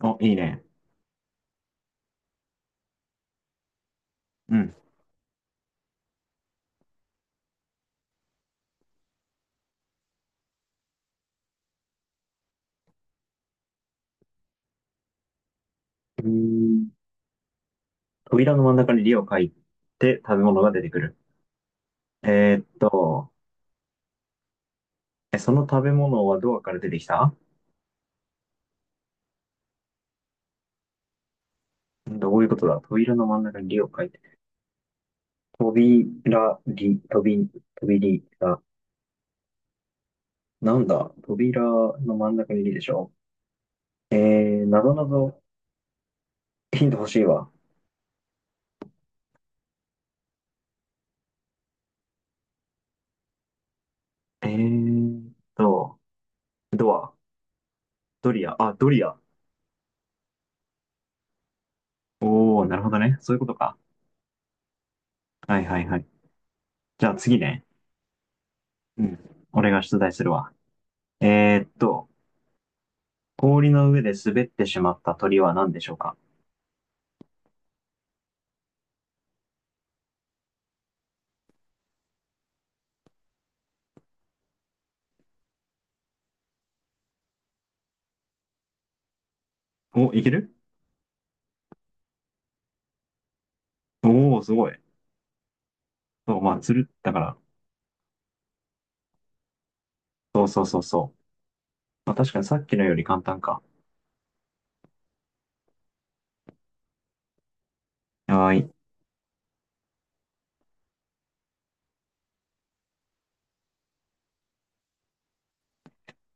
お、いいね。うん。うーん扉の真ん中に「り」を書いて食べ物が出てくる。えーっと、え、その食べ物はドアから出てきた？どういうことだ。扉の真ん中に「り」を書いて。扉、り、とび、とびり、だ。なんだ。扉の真ん中に「り」でしょ？えなぞなぞ、ヒント欲しいわ。えーっと、ドア、ドリア、あ、ドリア。おー、なるほどね。そういうことか。はいはいはい。じゃあ次ね。うん。俺が出題するわ。えーっと、氷の上で滑ってしまった鳥は何でしょうか？お、いける。おおー、すごい。そう、まあ、つるだから。そうそうそうそう。まあ、確かにさっきのより簡単か。はーい。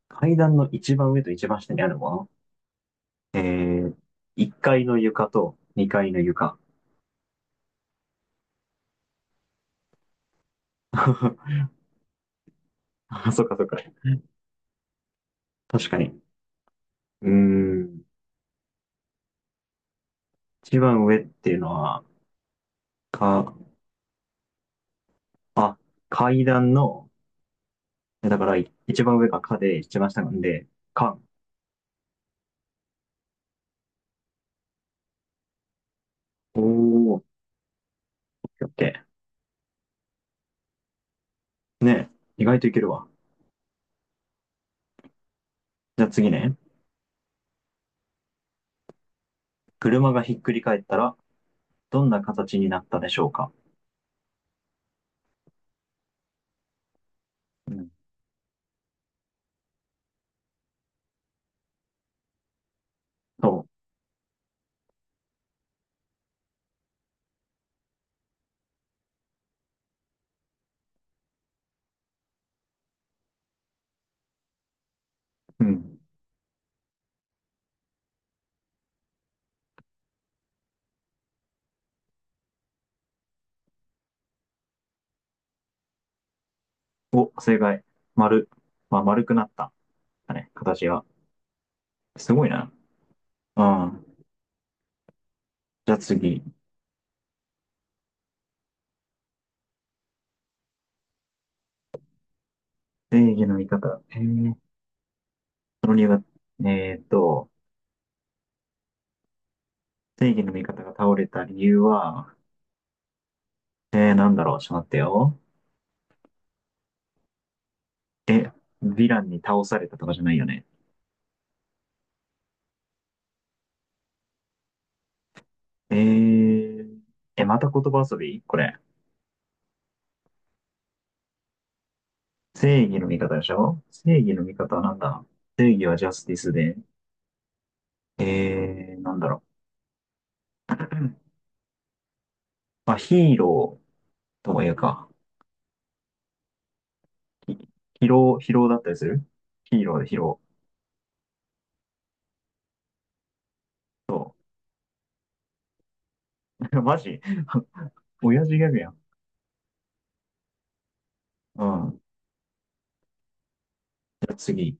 階段の一番上と一番下にあるもの。えー、1階の床と2階の床。あ、そっかそっか。確かに。うーん。一番上っていうのは、か、あ、階段の、だから一番上がかで、一番下なんで、かん。おー、オッケーオッケー。ねえ、意外といけるわ。じゃあ次ね。車がひっくり返ったら、どんな形になったでしょうか？うん、そう。うん。お、正解。丸。まあ、丸くなった。だね、形が。すごいな。うん。じゃあ次。正義の味方。その理由が、えーっと、正義の味方が倒れた理由は、なんだろう。ちょっと待ってよ。え、ヴィランに倒されたとかじゃないよね。えー、え、また言葉遊びこれ？正義の味方でしょ？正義の味方はなんだ。正義はジャスティスで、なんだろう。うん、まあ、ヒーローとも言うか、ヒヒロー、ヒローだったりするヒーローでヒロー。そう。マジ 親父ギャグやん。うん。じゃあ次。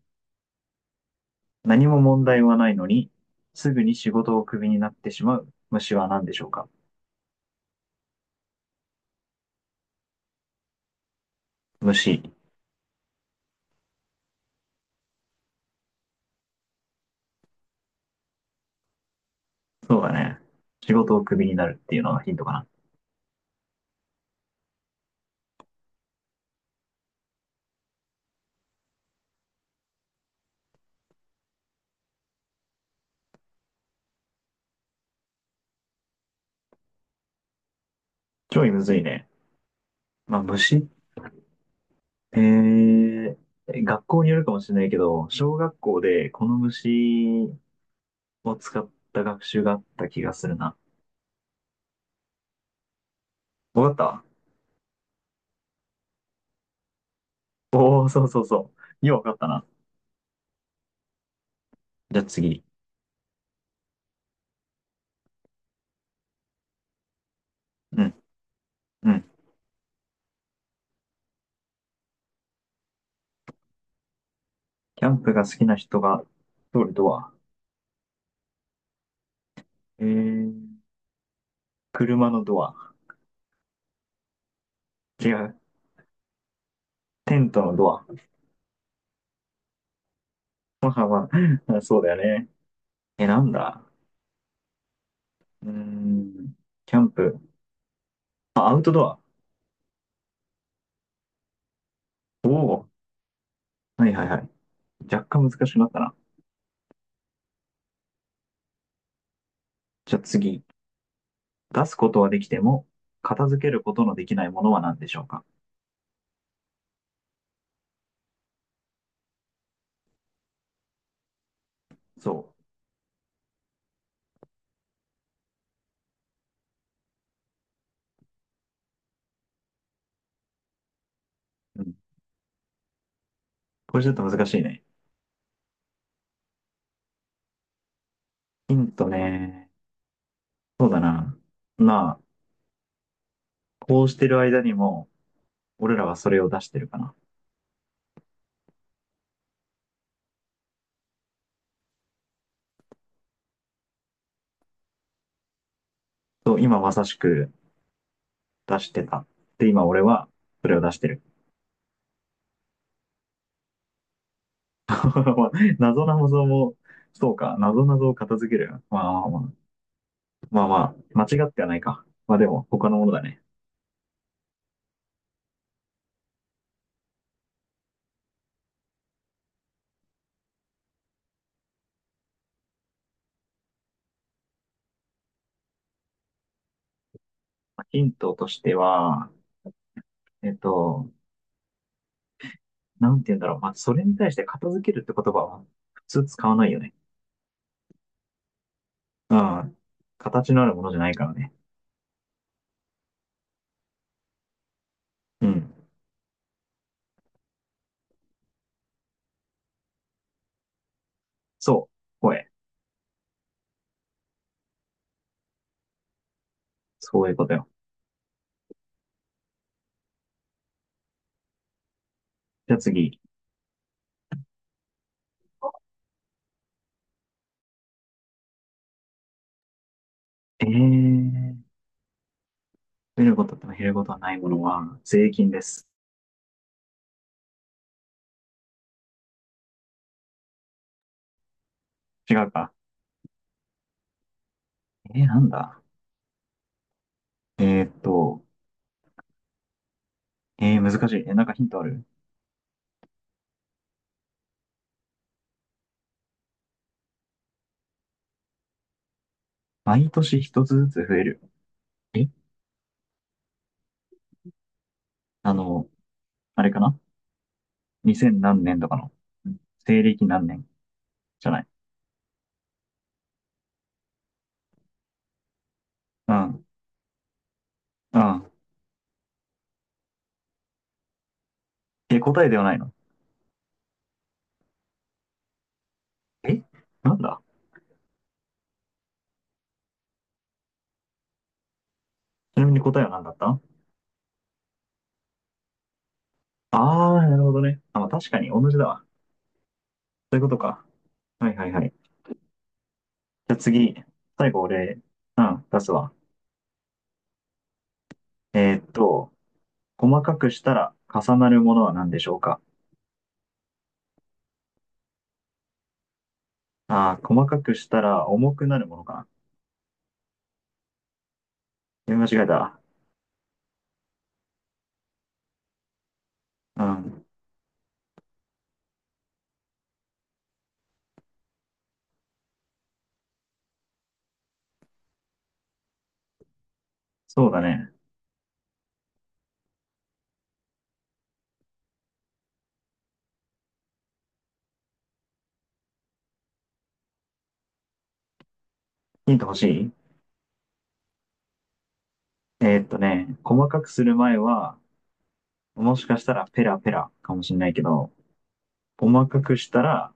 何も問題はないのに、すぐに仕事をクビになってしまう虫は何でしょうか？虫。そうだね。仕事をクビになるっていうのがヒントかな。ちょいむずいね。まあ、虫っえー学校によるかもしれないけど、小学校でこの虫を使った学習があった気がするな。わかった。おおー、そうそうそう。ようわかったな。じゃあ次。うん、うん。キャンプが好きな人が通るドア。ええ、車のドア。違う。テントのドア。まあまあ、そうだよね。え、なんだ。うーん。キャンプ。あ、アウトドア。おお。はいはいはい。若干難しくなったな。じゃあ次。出すことはできても、片付けることのできないものは何でしょうか？そう。うん。これちょっと難しいね。ヒントね。そうだな。まあ、こうしてる間にも、俺らはそれを出してるかな。そう、今まさしく出してた。で、今俺はそれを出してる。まあ謎な謎も、そうか、謎な謎を片付ける。まあまあまあ、まあまあ、間違ってはないか。まあでも、他のものだね。ヒントとしては、えっと、なんて言うんだろう。まあ、それに対して片付けるって言葉は普通使わないよね。うん。形のあるものじゃないからね。うん。そう。声。そういうことよ。じゃあ次。えー、増えることと減ることはないものは税金です。違うか。なんだ。えーっと、難しい。え、なんかヒントある？毎年一つずつ増える。えあの、あれかな ?2000 何年とかの。うん、西暦何年じゃない？うん。うん。え、答えではないの？え、なんだ？ちなみに答えは何だった？ああー、なるほどね。あ、まあ、確かに同じだわ。そういうことか。はいはいはい。じゃあ次、最後俺、うん、出すわ。えーっと、細かくしたら重なるものは何でしょうか？ああー、細かくしたら重くなるものかな。読み間違えた。うん。そうだね。ヒント欲しい？細かくする前は、もしかしたらペラペラかもしれないけど、細かくしたら、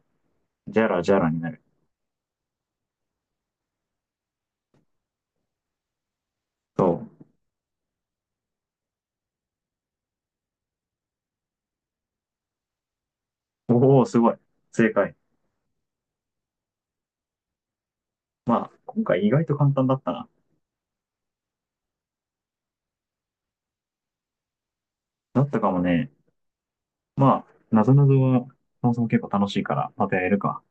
ジャラジャラになる。そう。おお、すごい。正解。まあ、今回意外と簡単だったな。だったかもね。まあ、なぞなぞは、そもそも結構楽しいから、またやれるか。